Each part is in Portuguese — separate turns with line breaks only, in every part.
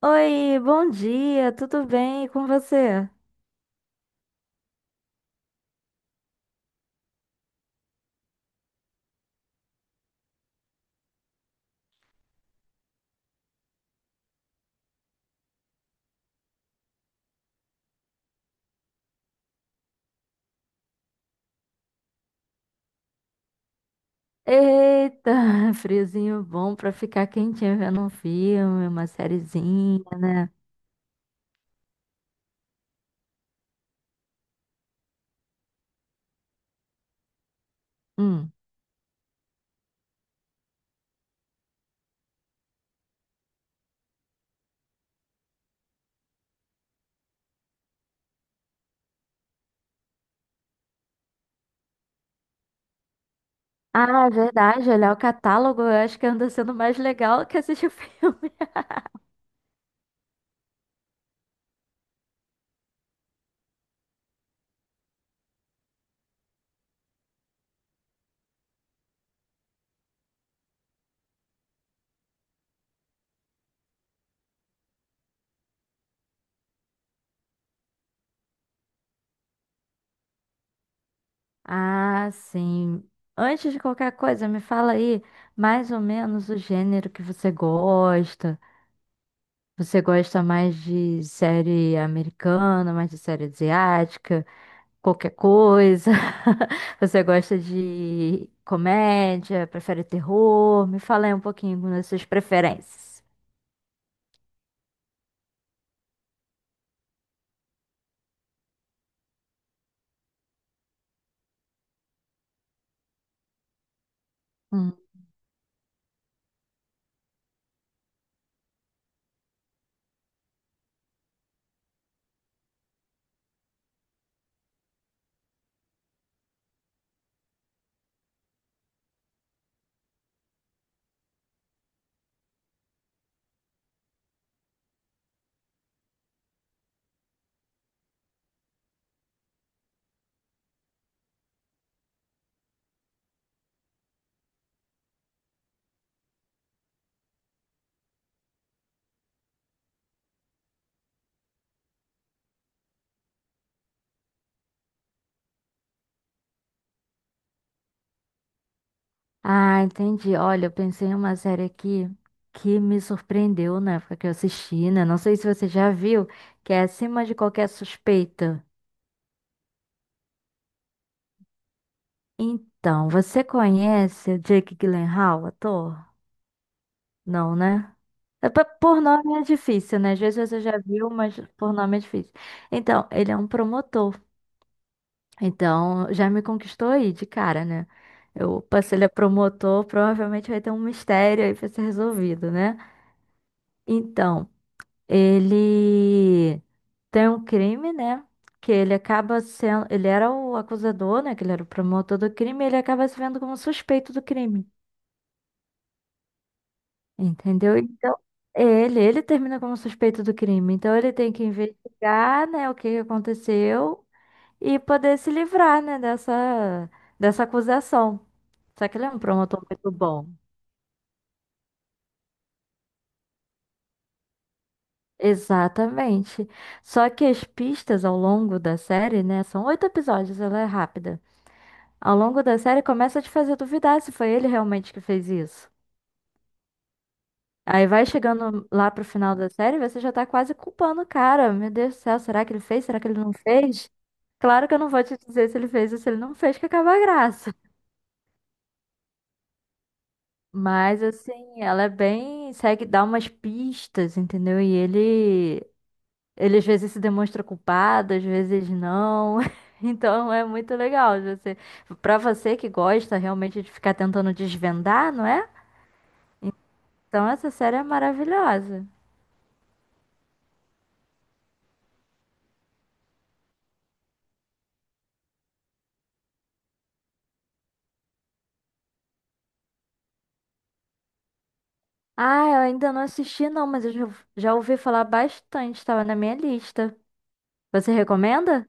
Oi, bom dia, tudo bem? E com você? Eita, friozinho bom pra ficar quentinho vendo um filme, uma sériezinha, né? Hum. Ah, é verdade, olhar o catálogo eu acho que anda sendo mais legal que assistir o filme. Ah, sim. Antes de qualquer coisa, me fala aí mais ou menos o gênero que você gosta. Você gosta mais de série americana, mais de série asiática? Qualquer coisa? Você gosta de comédia? Prefere terror? Me fala aí um pouquinho das suas preferências. Hum. Ah, entendi. Olha, eu pensei em uma série aqui que me surpreendeu na época que eu assisti, né? Não sei se você já viu, que é Acima de Qualquer Suspeita. Então, você conhece o Jake Gyllenhaal, ator? Não, né? Por nome é difícil, né? Às vezes você já viu, mas por nome é difícil. Então, ele é um promotor. Então, já me conquistou aí de cara, né? Eu passei, ele é promotor, provavelmente vai ter um mistério aí pra ser resolvido, né? Então, ele tem um crime, né? Que ele acaba sendo. Ele era o acusador, né? Que ele era o promotor do crime, e ele acaba se vendo como suspeito do crime. Entendeu? Então, ele termina como suspeito do crime. Então, ele tem que investigar, né, o que que aconteceu e poder se livrar, né, dessa acusação. Só que ele é um promotor muito bom. Exatamente. Só que as pistas ao longo da série, né? São 8 episódios, ela é rápida. Ao longo da série começa a te fazer duvidar se foi ele realmente que fez isso. Aí vai chegando lá pro final da série, você já tá quase culpando o cara. Meu Deus do céu, será que ele fez? Será que ele não fez? Claro que eu não vou te dizer se ele fez ou se ele não fez, que acaba a graça. Mas assim, ela é bem, segue, dá umas pistas, entendeu? E ele. Ele às vezes se demonstra culpado, às vezes não. Então é muito legal você, para você que gosta realmente de ficar tentando desvendar, não é? Então essa série é maravilhosa. Ah, eu ainda não assisti não, mas eu já já ouvi falar bastante, estava na minha lista. Você recomenda?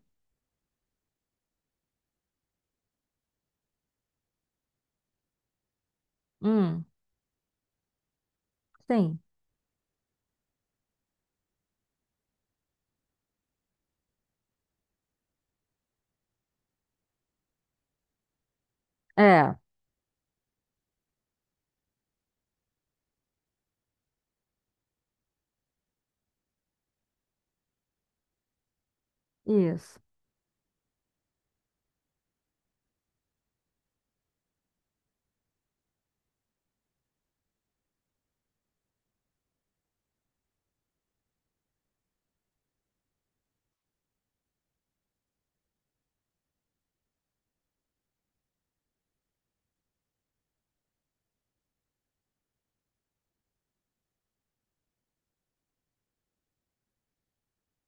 Hum, sim. É, isso.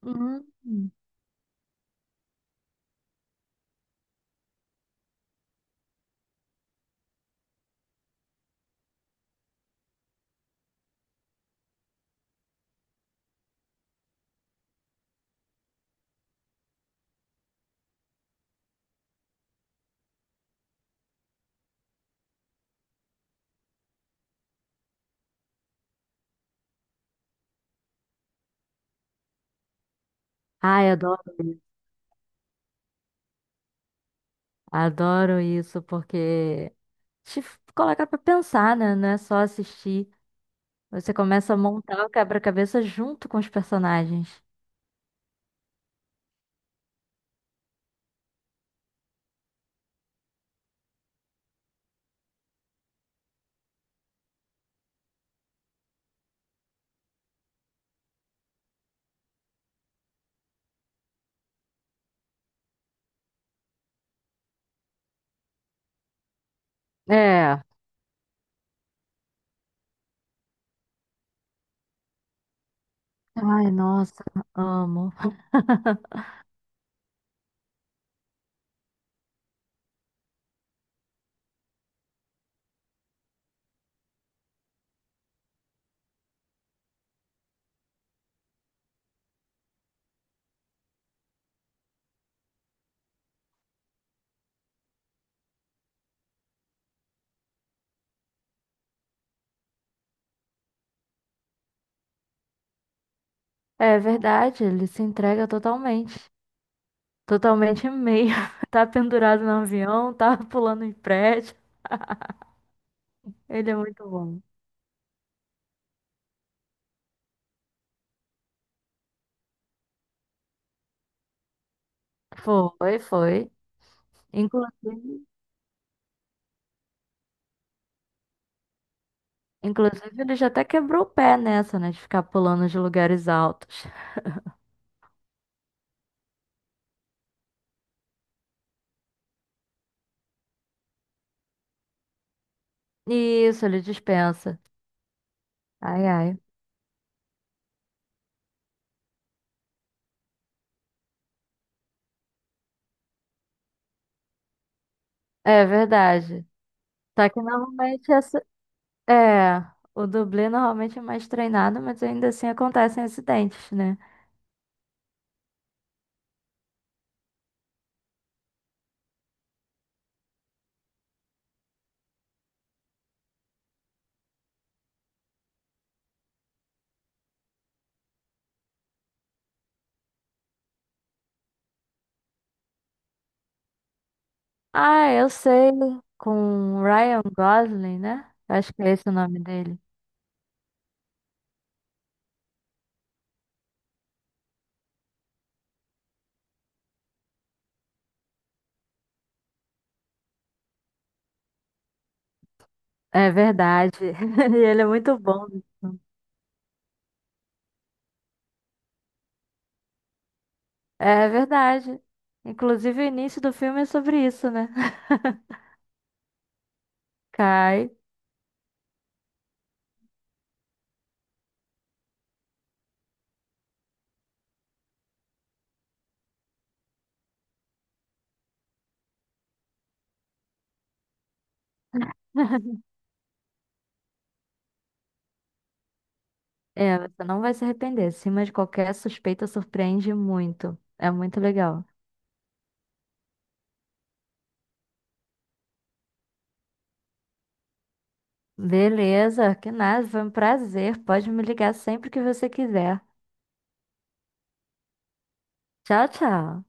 Hum. Ai, adoro isso. Adoro isso porque coloca pra pensar, né? Não é só assistir. Você começa a montar o quebra-cabeça junto com os personagens. É. Ai, nossa, amo. É verdade, ele se entrega totalmente. Totalmente meio. Tá pendurado no avião, tá pulando em prédio. Ele é muito bom. Foi, foi. Inclusive, inclusive, ele já até quebrou o pé nessa, né? De ficar pulando de lugares altos. Isso, ele dispensa. Ai, ai. É verdade. Só que normalmente é assim. É, o dublê normalmente é mais treinado, mas ainda assim acontecem acidentes, né? Ah, eu sei, com Ryan Gosling, né? Acho que é esse o nome dele. É verdade. E ele é muito bom. É verdade. Inclusive, o início do filme é sobre isso, né? Cai. É, você não vai se arrepender. Acima de Qualquer Suspeita, surpreende muito. É muito legal. Beleza, que nada, foi um prazer. Pode me ligar sempre que você quiser. Tchau, tchau.